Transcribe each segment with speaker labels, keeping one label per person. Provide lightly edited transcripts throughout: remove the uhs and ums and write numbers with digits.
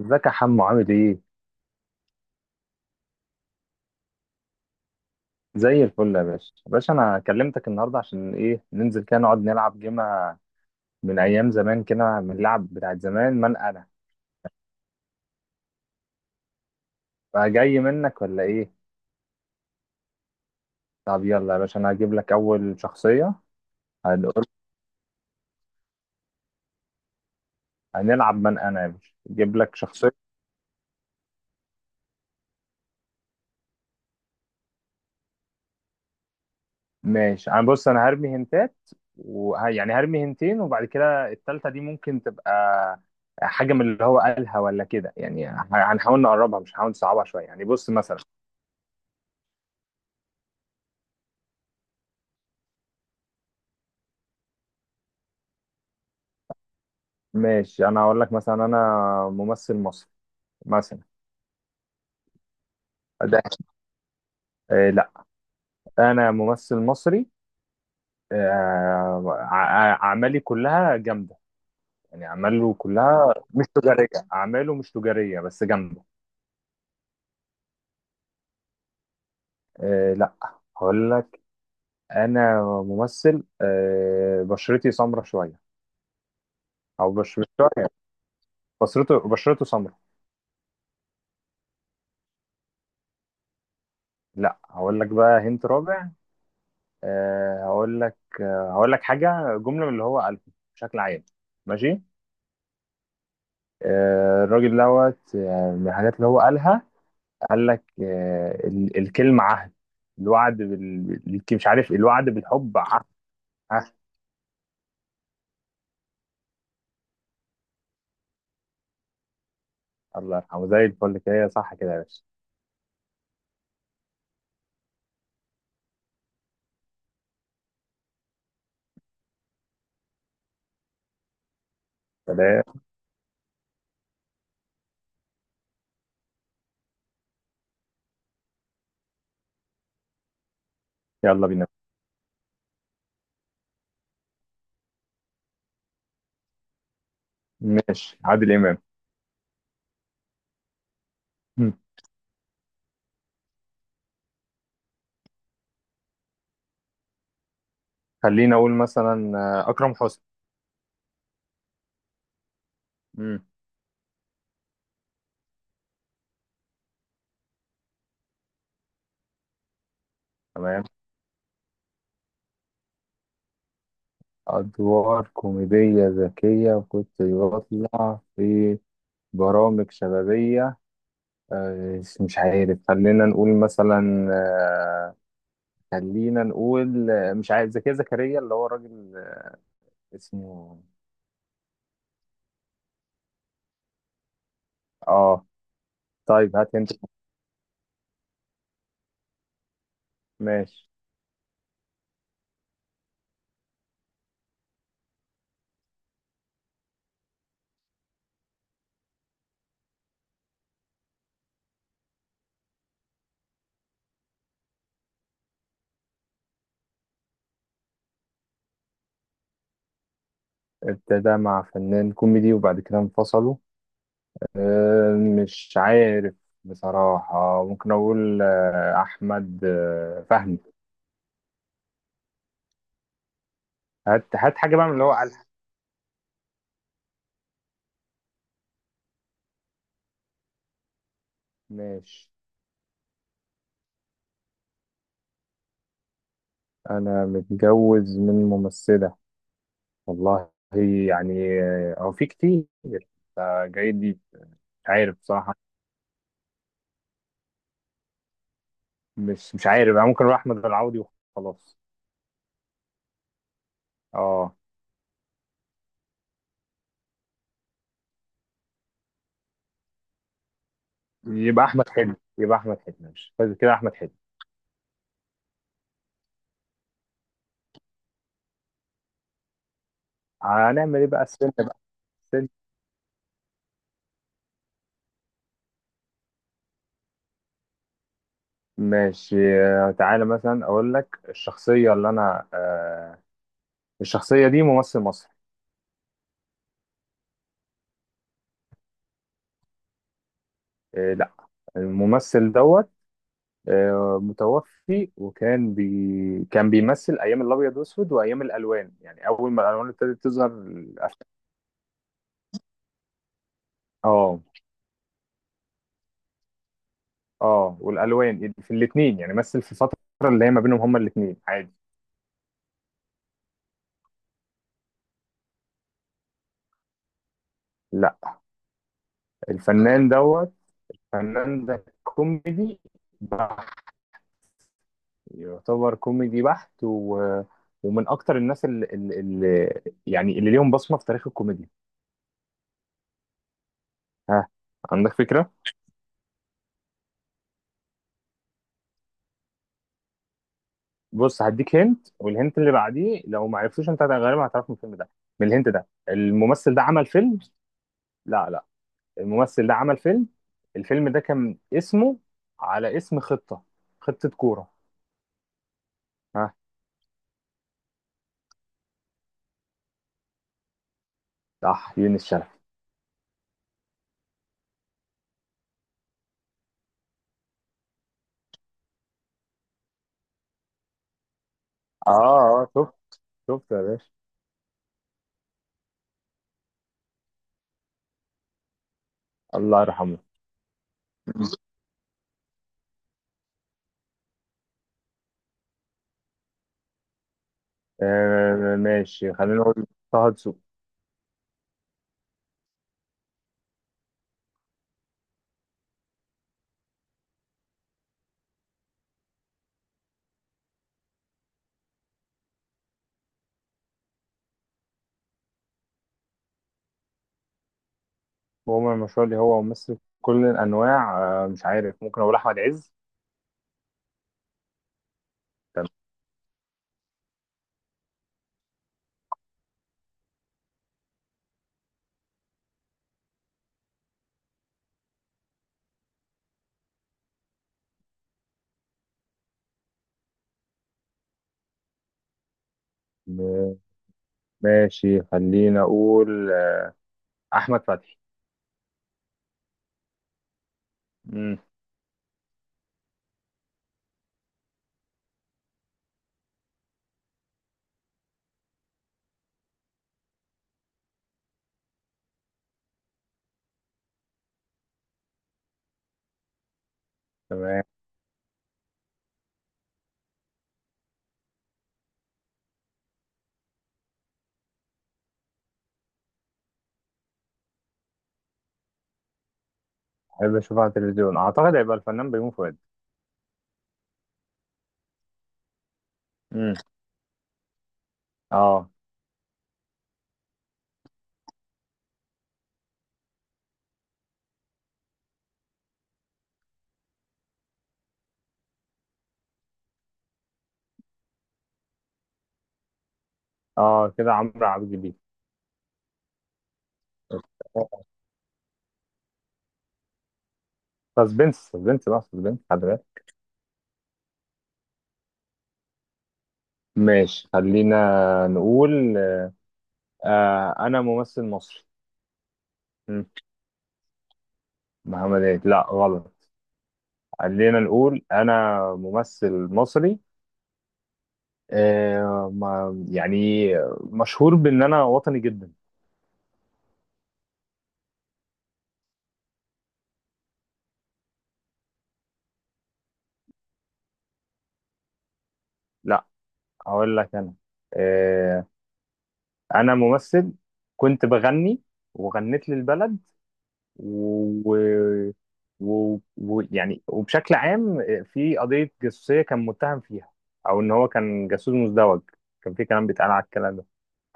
Speaker 1: ازيك يا حمو عامل ايه؟ زي الفل يا باشا، يا باشا انا كلمتك النهارده عشان ايه ننزل كده نقعد نلعب جيمة من ايام زمان كده من اللعب بتاعت زمان من انا فجاي منك ولا ايه؟ طب يلا يا باشا انا هجيب لك اول شخصية. هنقول هنلعب من انا يا باشا اجيب لك شخصية. ماشي انا بص انا هرمي هنتات. يعني هرمي هنتين وبعد كده التالتة دي ممكن تبقى حاجة من اللي هو قالها ولا كده يعني. هنحاول نقربها مش هنحاول نصعبها شوية يعني. بص مثلا، ماشي. انا هقول لك مثلا، انا ممثل مصري مثلا. ده آه لا، انا ممثل مصري. اعمالي كلها جامده، يعني اعماله كلها مش تجاريه. اعماله مش تجاريه بس جامده. آه لا، هقول لك انا ممثل آه بشرتي سمرة شويه. او بش مش شويه، بشرته سمرة. لا هقول لك بقى هنت رابع. آه هقول لك، آه هقول لك حاجه جمله من اللي هو قالها بشكل عام. ماشي، الراجل دوت، من الحاجات اللي هو قالها قال لك، الكلمة عهد. الوعد مش عارف، الوعد بالحب عهد. عهد. الله يرحمه. زي الفل كده صح كده يا باشا؟ فده- يلا بينا. ماشي، عادل إمام. مم. خلينا أقول مثلا أكرم حسني. مم. تمام، أدوار كوميدية ذكية وكنت بطلع في برامج شبابية. مش عارف، خلينا نقول مثلا خلينا نقول، مش عارف، زكي زكريا اللي هو الراجل اسمه. اه، طيب هات انت. ماشي، ابتدى مع فنان كوميدي وبعد كده انفصلوا. آه، مش عارف بصراحة. ممكن أقول أحمد فهمي. هات هات حاجة بقى من اللي هو قالها. ماشي، أنا متجوز من ممثلة. والله يعني هو في كتير. جاي دي مش عارف بصراحة. مش مش عارف، أنا ممكن أروح أحمد العوضي وخلاص. اه، يبقى احمد حلمي، يبقى احمد حلمي، ماشي طيب، كده احمد حلمي. هنعمل ايه بقى السن بقى؟ السن، ماشي. تعالى مثلا اقول لك الشخصيه اللي انا آه، الشخصيه دي ممثل مصري. آه لا، الممثل دوت آه متوفي، وكان بي كان بيمثل ايام الابيض والاسود وايام الالوان، يعني اول ما الالوان ابتدت تظهر. الأف- اه. اه والالوان، يعني في الاثنين، يعني مثل في فتره اللي هي ما بينهم، هما الاثنين عادي. لا، الفنان دوت فنان ده كوميدي بحت. يعتبر كوميدي بحت و... ومن اكتر الناس اللي يعني اللي ليهم بصمه في تاريخ الكوميديا. ها، عندك فكره؟ بص، هديك هنت والهنت اللي بعديه لو ما عرفتوش انت غالبا هتعرف من الفيلم ده. من الهنت ده، الممثل ده عمل فيلم. لا لا، الممثل ده عمل فيلم، الفيلم ده كان اسمه على اسم خطه. خطه كوره. ها، صح، يونس شلبي. اه اه، شفت. شفت يا باشا، الله يرحمه. آه ماشي، خلينا نقول طه دسوقي. هو من المشروع اللي هو ممثل كل الأنواع. آه مش عارف، ممكن أقول أحمد عز. تمام. آه، ماشي خلينا أقول أحمد فتحي. مم. تمام، أحب أشوفه على التلفزيون. أعتقد هيبقى الفنان بيومي فؤاد. مم. أه. أه كده عمرو عبد الجليل. سسبنس، سسبنس بقى، سسبنس، خلي بالك. ماشي خلينا نقول آه، أنا ممثل مصري. مم. محمد عيد، لا غلط. خلينا نقول انا ممثل مصري، يعني مشهور بان انا وطني جدا. لا، اقول لك انا آه، انا ممثل كنت بغني وغنيت للبلد و... و... يعني وبشكل عام في قضية جاسوسية كان متهم فيها، او ان هو كان جاسوس مزدوج. كان في كلام بيتقال على الكلام ده.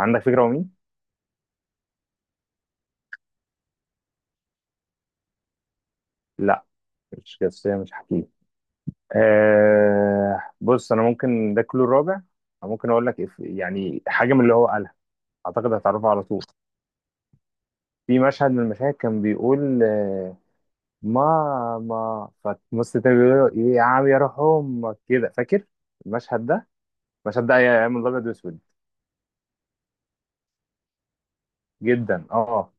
Speaker 1: عندك فكرة هو مين؟ لا، مش جاسوسية مش حكيم. آه بص، انا ممكن ده كله الرابع. أنا ممكن اقول لك يعني حاجه من اللي هو قالها، اعتقد هتعرفها على طول. في مشهد من المشاهد كان بيقول آه ماما، فمص تاني بيقول له ايه يا عم يا روح امك، كده فاكر المشهد ده؟ المشهد ده ايام الابيض واسود جدا. اه،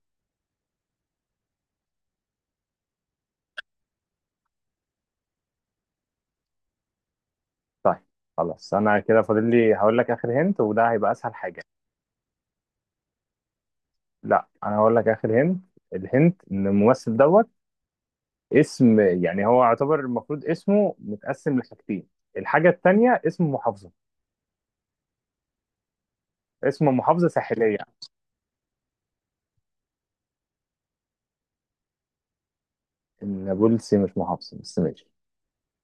Speaker 1: طيب خلاص، انا كده فاضل لي هقول لك اخر هنت وده هيبقى اسهل حاجه. لا، انا هقول لك اخر هنت. الهنت ان الممثل دوت اسم، يعني هو يعتبر المفروض اسمه متقسم لحاجتين، الحاجة التانية اسم محافظة. اسم محافظة ساحلية. نابلسي مش محافظة بس ماشي.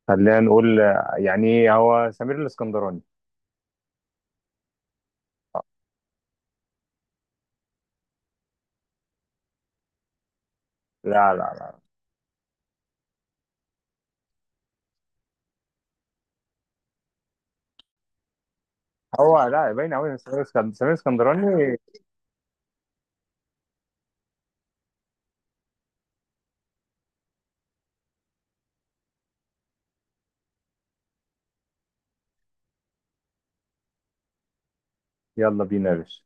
Speaker 1: خلينا نقول يعني هو سمير الاسكندراني. لا لا لا. هو لا باين قوي سمير سمير الاسكندراني. يلا بينا يا باشا.